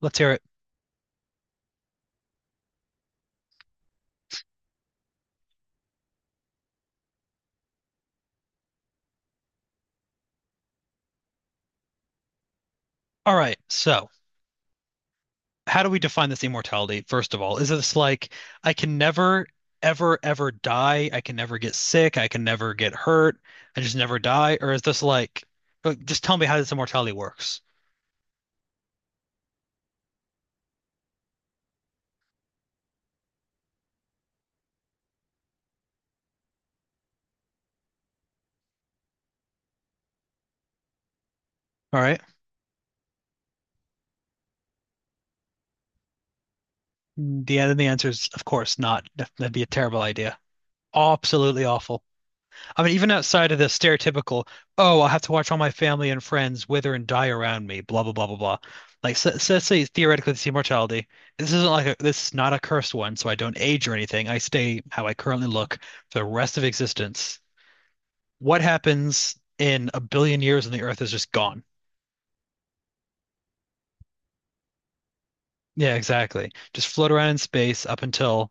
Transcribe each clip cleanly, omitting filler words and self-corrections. Let's hear it. All right. So, how do we define this immortality, first of all? Is this like I can never, ever, ever die? I can never get sick. I can never get hurt. I just never die? Or is this like, just tell me how this immortality works? All right. The answer is, of course, not. That'd be a terrible idea. Absolutely awful. I mean, even outside of the stereotypical, oh, I'll have to watch all my family and friends wither and die around me, blah, blah, blah, blah, blah. Like, so let's say theoretically this immortality. This is not a cursed one, so I don't age or anything. I stay how I currently look for the rest of existence. What happens in a billion years when the Earth is just gone? Yeah, exactly. Just float around in space up until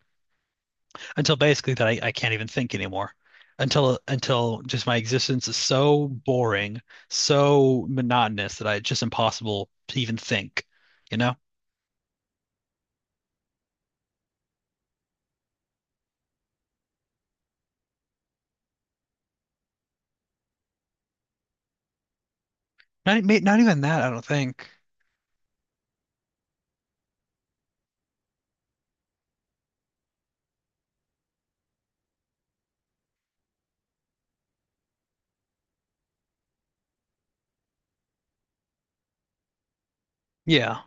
basically that I can't even think anymore. Until just my existence is so boring, so monotonous that I it's just impossible to even think, you know? Not not even that, I don't think. Yeah.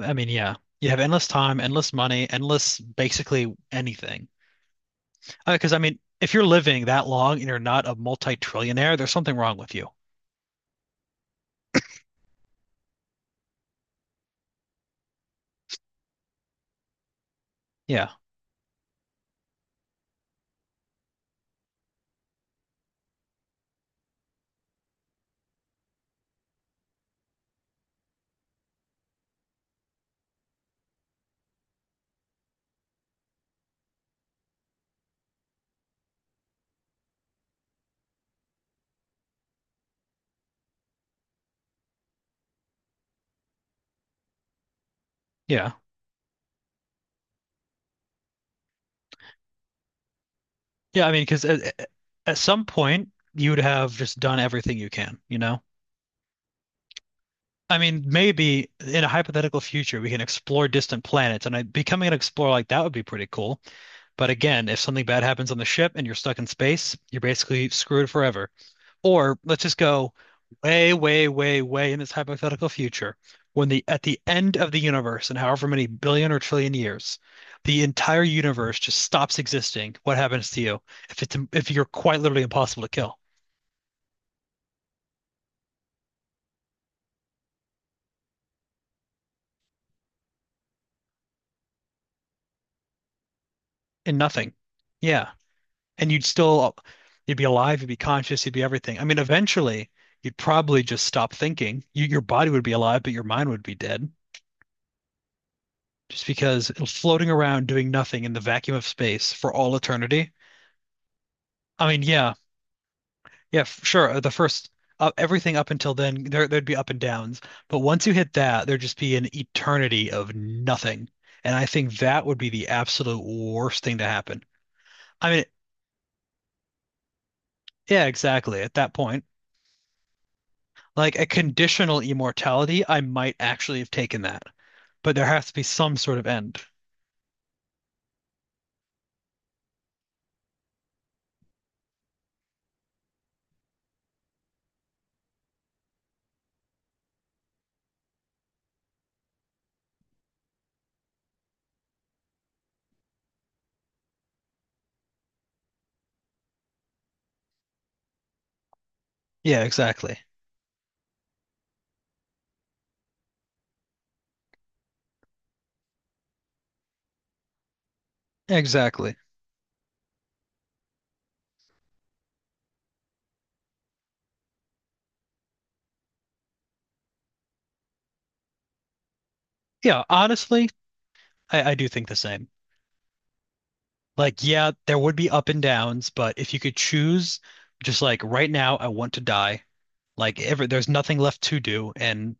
I mean, yeah. You have endless time, endless money, endless basically anything. 'Cause I mean, if you're living that long and you're not a multi-trillionaire, there's something wrong with you. Yeah. Yeah. Yeah, I mean, at some point you would have just done everything you can? I mean, maybe in a hypothetical future, we can explore distant planets, and becoming an explorer like that would be pretty cool. But again, if something bad happens on the ship and you're stuck in space, you're basically screwed forever. Or let's just go way, way, way, way in this hypothetical future, when the at the end of the universe, in however many billion or trillion years, the entire universe just stops existing. What happens to you if it's if you're quite literally impossible to kill and nothing? Yeah. And you'd be alive, you'd be conscious, you'd be everything. I mean, eventually, you'd probably just stop thinking. Your body would be alive, but your mind would be dead just because it was floating around doing nothing in the vacuum of space for all eternity. I mean, yeah, yeah, sure. The first, everything up until then, there'd be up and downs. But once you hit that, there'd just be an eternity of nothing. And I think that would be the absolute worst thing to happen. I mean, yeah, exactly. At that point, like a conditional immortality, I might actually have taken that. But there has to be some sort of end. Yeah, exactly. Exactly. Yeah, honestly, I do think the same. Like, yeah, there would be up and downs, but if you could choose, just like right now, I want to die. Like, ever, there's nothing left to do. And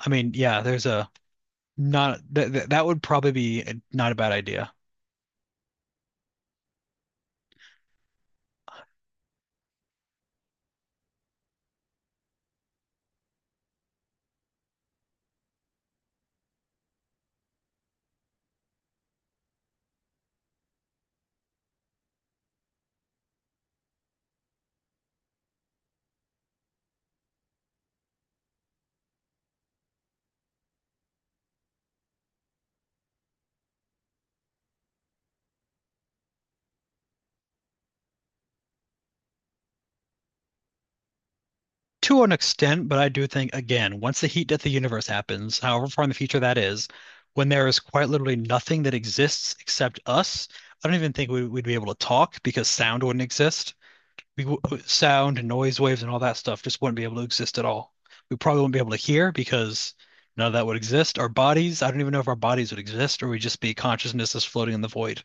I mean, yeah, there's a not th th that would probably be not a bad idea. To an extent, but I do think, again, once the heat death of the universe happens, however far in the future that is, when there is quite literally nothing that exists except us, I don't even think we'd be able to talk because sound wouldn't exist. We, Sound and noise waves and all that stuff just wouldn't be able to exist at all. We probably wouldn't be able to hear because none of that would exist. Our bodies, I don't even know if our bodies would exist or we'd just be consciousnesses floating in the void.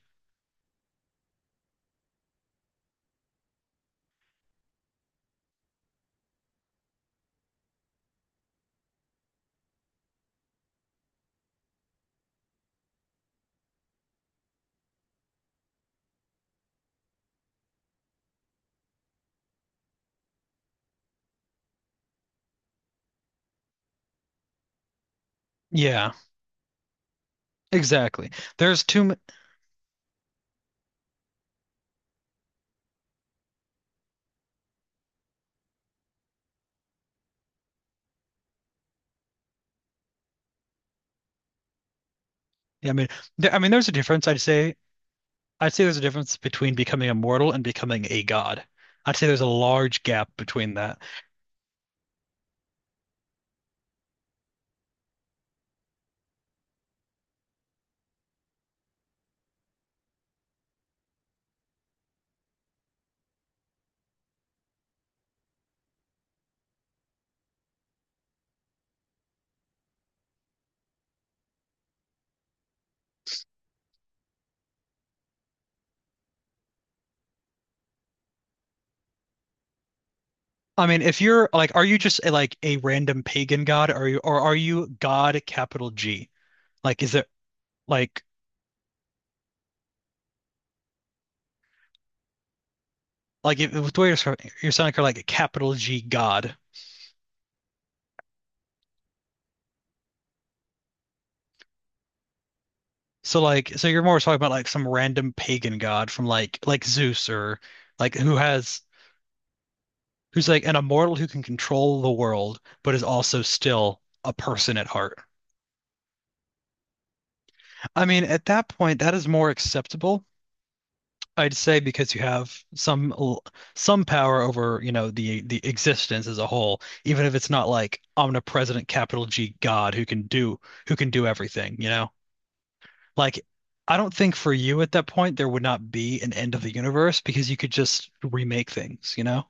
Yeah, exactly. There's too, I mean, there, I mean, there's a difference, I'd say. I'd say there's a difference between becoming immortal and becoming a god. I'd say there's a large gap between that. I mean, if you're like, are you just like a random pagan god, or are you God capital G? Like, is it like if, with the way you're describing- you're sounding kind of like a capital G god. So like, so you're more talking about like some random pagan god from like Zeus or like who has who's like an immortal who can control the world, but is also still a person at heart. I mean, at that point, that is more acceptable I'd say because you have some some power over, you know, the existence as a whole, even if it's not like omnipresent capital G God who can do everything, you know? Like I don't think for you at that point there would not be an end of the universe because you could just remake things, you know?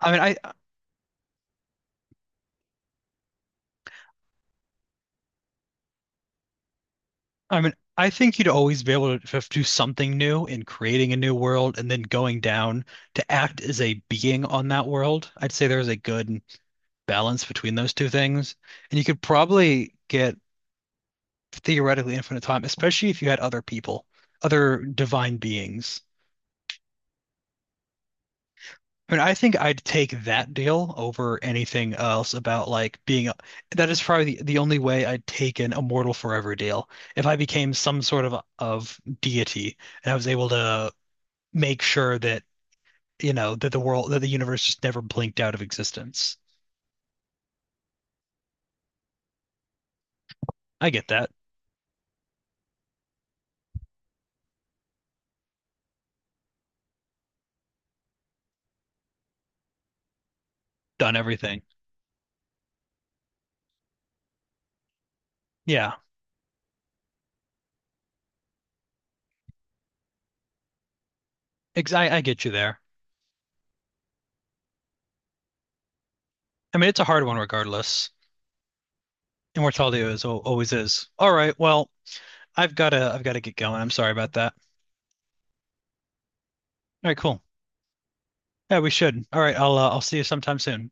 I mean, I I mean, I think you'd always be able to do something new in creating a new world and then going down to act as a being on that world. I'd say there's a good balance between those two things. And you could probably get theoretically infinite time, especially if you had other people, other divine beings. I mean, I think I'd take that deal over anything else about that is probably the only way I'd take an immortal forever deal. If I became some sort of deity and I was able to make sure that, you know, that the world that the universe just never blinked out of existence. I get that. Done everything. Yeah. Ex I get you there. I mean, it's a hard one regardless. Immortality always is. All right. Well, I've gotta get going. I'm sorry about that. All right, cool. Yeah, we should. All right, I'll see you sometime soon.